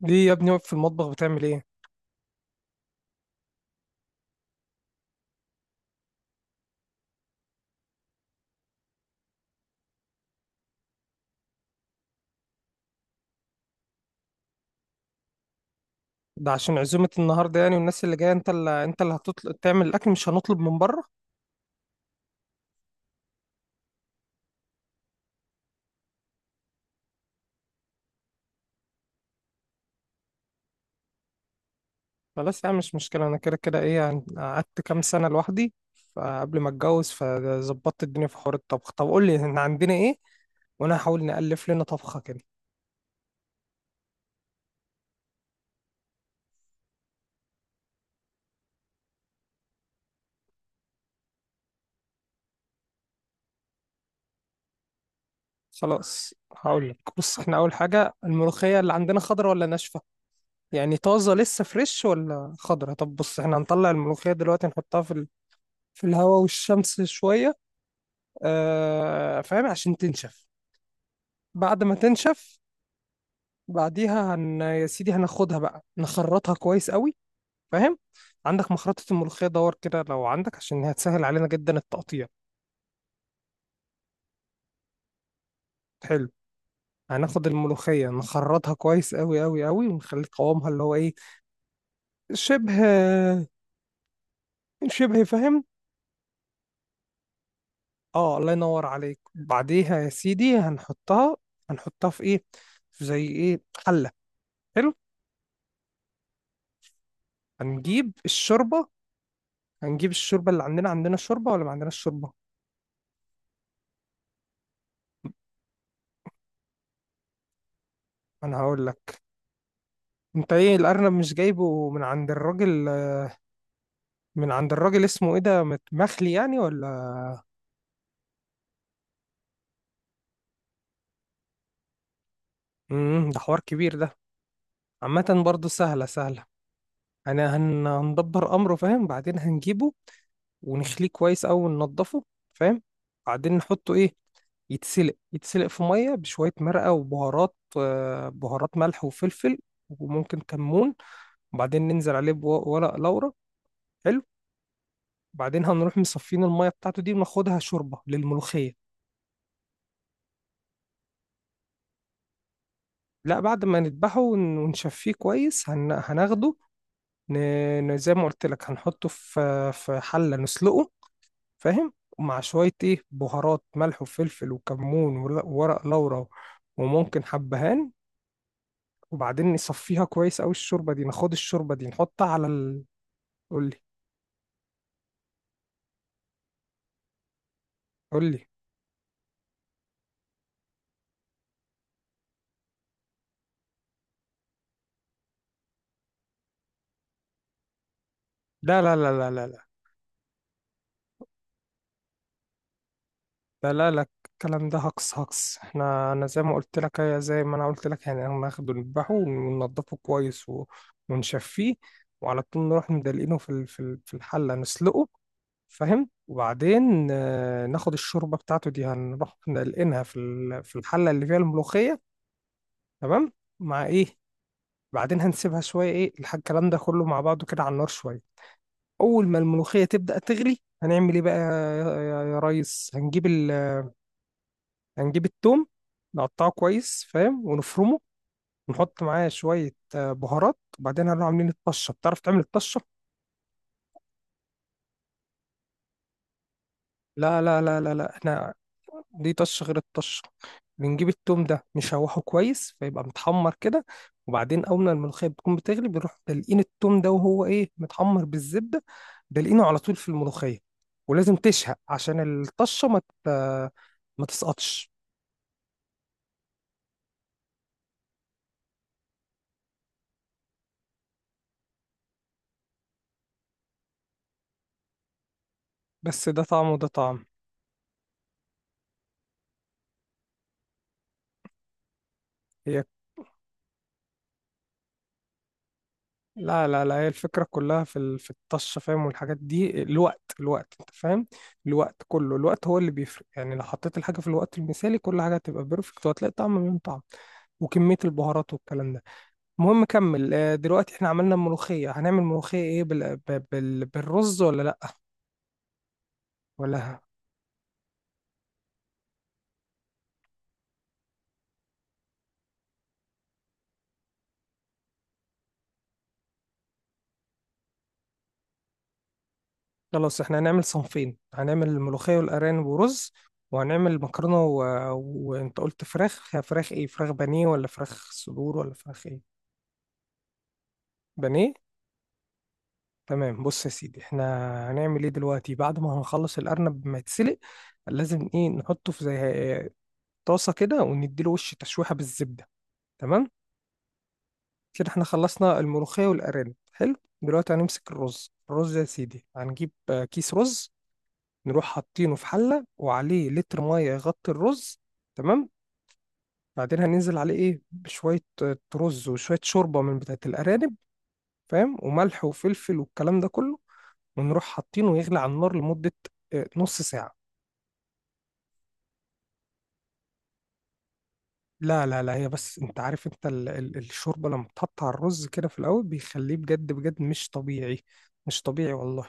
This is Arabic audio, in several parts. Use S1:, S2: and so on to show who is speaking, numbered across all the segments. S1: ليه يا ابني واقف في المطبخ بتعمل ايه؟ ده عشان عزومة النهاردة يعني، والناس اللي جاية انت اللي هتطلب تعمل الاكل، مش هنطلب من بره. خلاص، يعني مش مشكلة، انا كده كده ايه يعني، قعدت كام سنة لوحدي. فقبل ما اتجوز فظبطت الدنيا في حوار الطبخ. طب قول لي، احنا عندنا ايه؟ وانا هحاول نألف لنا طبخة كده. خلاص، هقول لك. بص، احنا اول حاجة الملوخية اللي عندنا خضرة ولا ناشفة؟ يعني طازة لسه فريش ولا خضرة؟ طب بص، احنا هنطلع الملوخية دلوقتي نحطها في الهواء والشمس شوية. آه، فاهم، عشان تنشف. بعد ما تنشف، بعديها يا سيدي هناخدها بقى نخرطها كويس قوي. فاهم؟ عندك مخرطة الملوخية؟ دور كده لو عندك، عشان هتسهل علينا جدا التقطيع. حلو. هناخد الملوخية نخرطها كويس قوي قوي قوي، ونخلي قوامها اللي هو ايه، شبه، شبه. فاهم؟ اه الله ينور عليك. بعديها يا سيدي هنحطها في ايه، في زي ايه، حلة؟ حلو. هنجيب الشوربة هنجيب الشوربة اللي عندنا الشوربة، ولا ما عندناش شوربة؟ انا هقول لك. انت ايه، الارنب مش جايبه من عند الراجل؟ من عند الراجل اسمه ايه ده، مخلي يعني ولا؟ ده حوار كبير ده. عامة برضه سهلة سهلة. انا هندبر امره. فاهم؟ بعدين هنجيبه ونخليه كويس اوي وننضفه. فاهم؟ بعدين نحطه ايه؟ يتسلق في مية بشوية مرقة وبهارات، بهارات ملح وفلفل، وممكن كمون. وبعدين ننزل عليه بورق لورا. حلو. وبعدين هنروح مصفين المية بتاعته دي وناخدها شوربة للملوخية. لا، بعد ما نذبحه ونشفيه كويس هناخده. ن... زي ما قلت لك، هنحطه في حلة نسلقه. فاهم؟ ومع شوية ايه، بهارات، ملح وفلفل وكمون وورق لورا، وممكن حبهان. وبعدين نصفيها كويس أوي الشوربة دي، ناخد الشوربة دي نحطها قولي، قولي. لا لا لا لا لا لا لا لا. الكلام ده هقص. انا زي ما انا قلت لك يعني، احنا ناخده نذبحه وننضفه كويس ونشفيه، وعلى طول نروح مدلقينه في الحله نسلقه. فاهم؟ وبعدين ناخد الشوربه بتاعته دي، هنروح نلقينها في الحله اللي فيها الملوخيه. تمام، مع ايه. بعدين هنسيبها شويه ايه، الكلام ده كله مع بعضه كده على النار شويه. اول ما الملوخيه تبدا تغلي هنعمل ايه بقى يا ريس؟ هنجيب التوم، نقطعه كويس، فاهم، ونفرمه، ونحط معاه شوية بهارات، وبعدين هنروح عاملين الطشة. بتعرف تعمل الطشة؟ لا لا لا لا لا، احنا دي طشة غير الطشة. بنجيب التوم ده نشوحه كويس فيبقى متحمر كده، وبعدين أول ما الملوخية بتكون بتغلي بنروح دلقين التوم ده وهو إيه، متحمر بالزبدة، دلقينه على طول في الملوخية. ولازم تشهق عشان الطشة ما تسقطش. بس ده طعم وده طعم. هي لا لا لا، هي الفكرة كلها في الطشة. فاهم؟ والحاجات دي الوقت، انت فاهم، الوقت كله، الوقت هو اللي بيفرق. يعني لو حطيت الحاجة في الوقت المثالي كل حاجة هتبقى بيرفكت وهتلاقي طعم من طعم، وكمية البهارات والكلام ده. المهم كمل. دلوقتي احنا عملنا ملوخية، هنعمل ملوخية ايه، بالرز ولا لأ؟ ولا؟ خلاص، احنا هنعمل صنفين، هنعمل الملوخية والأرانب ورز، وهنعمل مكرونة. وانت قلت فراخ، فراخ ايه، فراخ بانيه ولا فراخ صدور ولا فراخ ايه؟ بانيه. تمام. بص يا سيدي، احنا هنعمل ايه دلوقتي بعد ما هنخلص الارنب ما يتسلق؟ لازم ايه، نحطه في زي طاسه كده ونديله وش تشويحه بالزبده. تمام. كده احنا خلصنا الملوخيه والارانب. حلو. دلوقتي هنمسك الرز. الرز يا سيدي، هنجيب كيس رز، نروح حاطينه في حله وعليه لتر ميه يغطي الرز. تمام. بعدين هننزل عليه ايه، بشويه رز وشويه شوربه من بتاعه الارانب، فاهم، وملح وفلفل والكلام ده كله، ونروح حاطينه يغلي على النار لمدة نص ساعة. لا لا لا، هي بس انت عارف، انت ال ال الشوربة لما بتحط على الرز كده في الأول بيخليه بجد بجد مش طبيعي. مش طبيعي والله.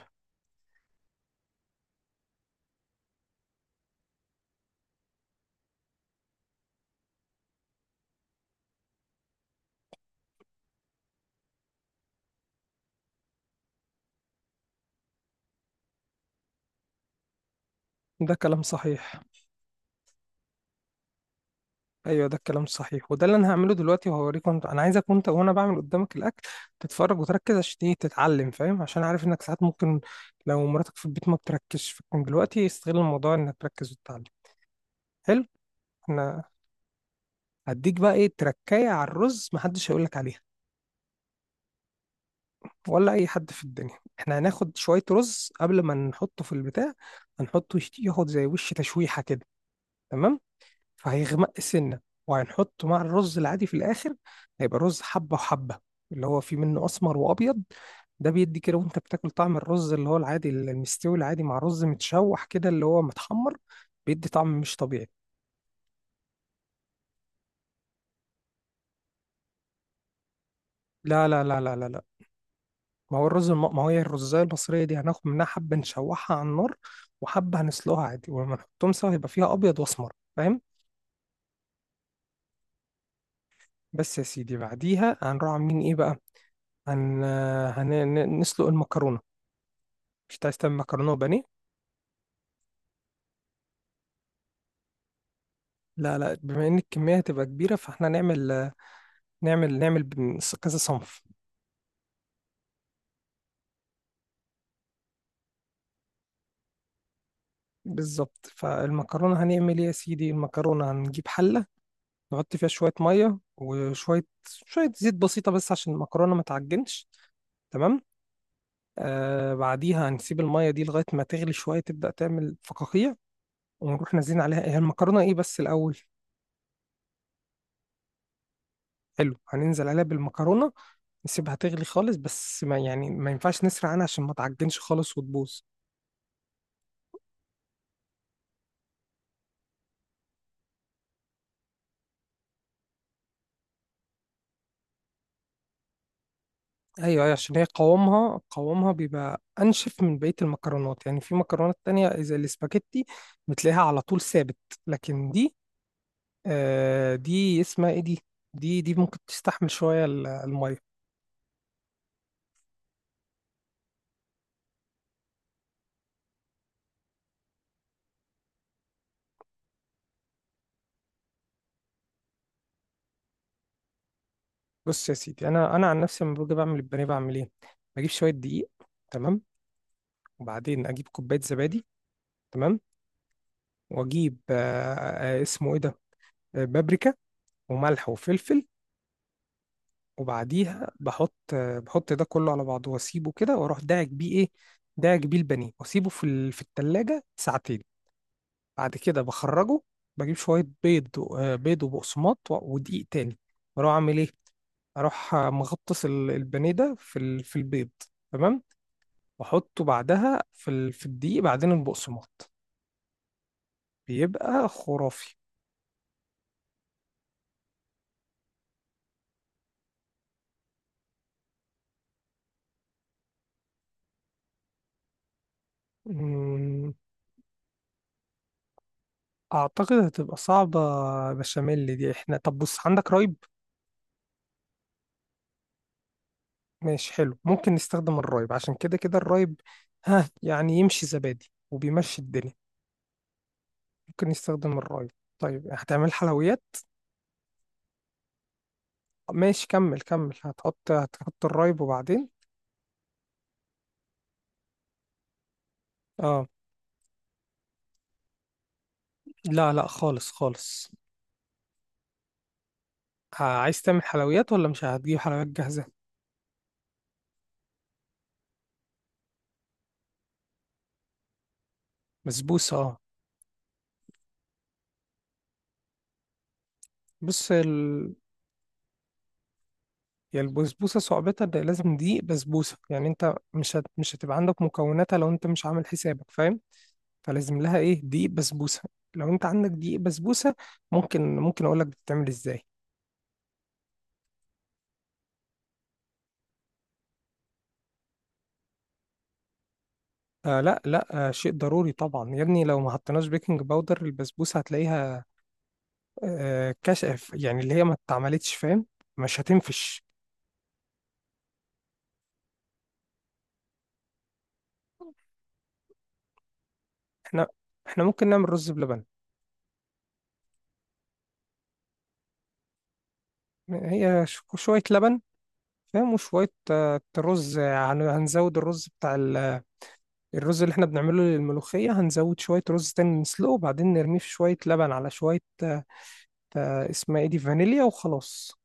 S1: ده كلام صحيح. ايوه ده الكلام صحيح، وده اللي انا هعمله دلوقتي وهوريك. وانت، انا عايزك وانت وانا بعمل قدامك الاكل، تتفرج وتركز عشان ايه، تتعلم. فاهم؟ عشان عارف انك ساعات ممكن لو مراتك في البيت ما بتركزش، فكان دلوقتي استغل الموضوع انك تركز وتتعلم. حلو. انا هديك بقى ايه، تركايه على الرز محدش هيقولك عليها، ولا اي حد في الدنيا. احنا هناخد شويه رز قبل ما نحطه في البتاع، هنحطه ياخد زي وش تشويحه كده. تمام. فهيغمق سنه، وهنحطه مع الرز العادي في الاخر، هيبقى رز حبه وحبه، اللي هو فيه منه اسمر وابيض. ده بيدي كده وانت بتاكل طعم الرز اللي هو العادي المستوي العادي مع رز متشوح كده اللي هو متحمر، بيدي طعم مش طبيعي. لا لا لا لا لا لا. ما هي الرزاية المصرية دي، هناخد منها حبة نشوحها على النار، وحبة هنسلقها عادي، ولما نحطهم سوا هيبقى فيها أبيض وأسمر. فاهم؟ بس يا سيدي، بعديها هنروح عاملين إيه بقى؟ هن... هن... نسلق المكرونة. مش عايز تعمل مكرونة وبانيه؟ لا لا، بما إن الكمية هتبقى كبيرة فاحنا نعمل كذا صنف. بالظبط. فالمكرونة هنعمل إيه يا سيدي، المكرونة هنجيب حلة، نحط فيها شوية مية وشوية شوية زيت بسيطة، بس عشان المكرونة ما تعجنش. تمام. بعديها هنسيب المية دي لغاية ما تغلي شوية، تبدأ تعمل فقاقيع، ونروح نازلين عليها. هي المكرونة ايه بس الأول؟ حلو، هننزل عليها بالمكرونة، نسيبها تغلي خالص، بس ما يعني ما ينفعش نسرع عنها عشان ما تعجنش خالص وتبوظ. ايوه ايوه، عشان هي قوامها بيبقى انشف من بقيه المكرونات، يعني في مكرونات تانية زي الاسباجيتي بتلاقيها على طول ثابت، لكن دي، دي اسمها ايه دي ممكن تستحمل شويه الميه. بص يا سيدي، انا عن نفسي لما باجي بعمل البانيه بعمل ايه، بجيب شويه دقيق، تمام، وبعدين اجيب كوبايه زبادي، تمام، واجيب اسمه ايه ده، بابريكا وملح وفلفل، وبعديها بحط ده كله على بعضه واسيبه كده، واروح داعك بيه ايه، داعك بيه البانيه، واسيبه في التلاجة ساعتين. بعد كده بخرجه، بجيب شويه بيض بيض وبقسماط ودقيق تاني، واروح اعمل ايه، اروح مغطس البانيه ده في البيض، تمام، واحطه بعدها في الدقيق، بعدين البقسماط، بيبقى خرافي. مم، اعتقد هتبقى صعبة. بشاميل دي احنا، طب بص، عندك رايب؟ ماشي حلو، ممكن نستخدم الرايب، عشان كده كده الرايب، ها يعني يمشي زبادي وبيمشي الدنيا. ممكن نستخدم الرايب. طيب، هتعمل حلويات؟ ماشي كمل كمل، هتحط الرايب، وبعدين اه. لا لا خالص خالص. عايز تعمل حلويات، ولا مش هتجيب حلويات جاهزة؟ بسبوسة، اه، بص. هي البسبوسه صعوبتها ان لازم دي بسبوسه، يعني انت مش هتبقى عندك مكوناتها لو انت مش عامل حسابك. فاهم؟ فلازم لها ايه، دي بسبوسه. لو انت عندك دي بسبوسه ممكن اقول لك بتتعمل ازاي. آه لا لا، شيء ضروري طبعا يا ابني. لو ما حطيناش بيكنج باودر البسبوسه هتلاقيها كشف، يعني اللي هي ما اتعملتش. فاهم؟ مش هتنفش. احنا احنا ممكن نعمل رز بلبن. هي شويه لبن، فاهم، وشويه رز، يعني هنزود الرز بتاع، الرز اللي احنا بنعمله للملوخية هنزود شوية رز تاني نسلقه، وبعدين نرميه في شوية لبن، على شوية اسمها ايه دي، فانيليا. وخلاص.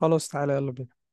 S1: خلاص تعالى، يلا بينا.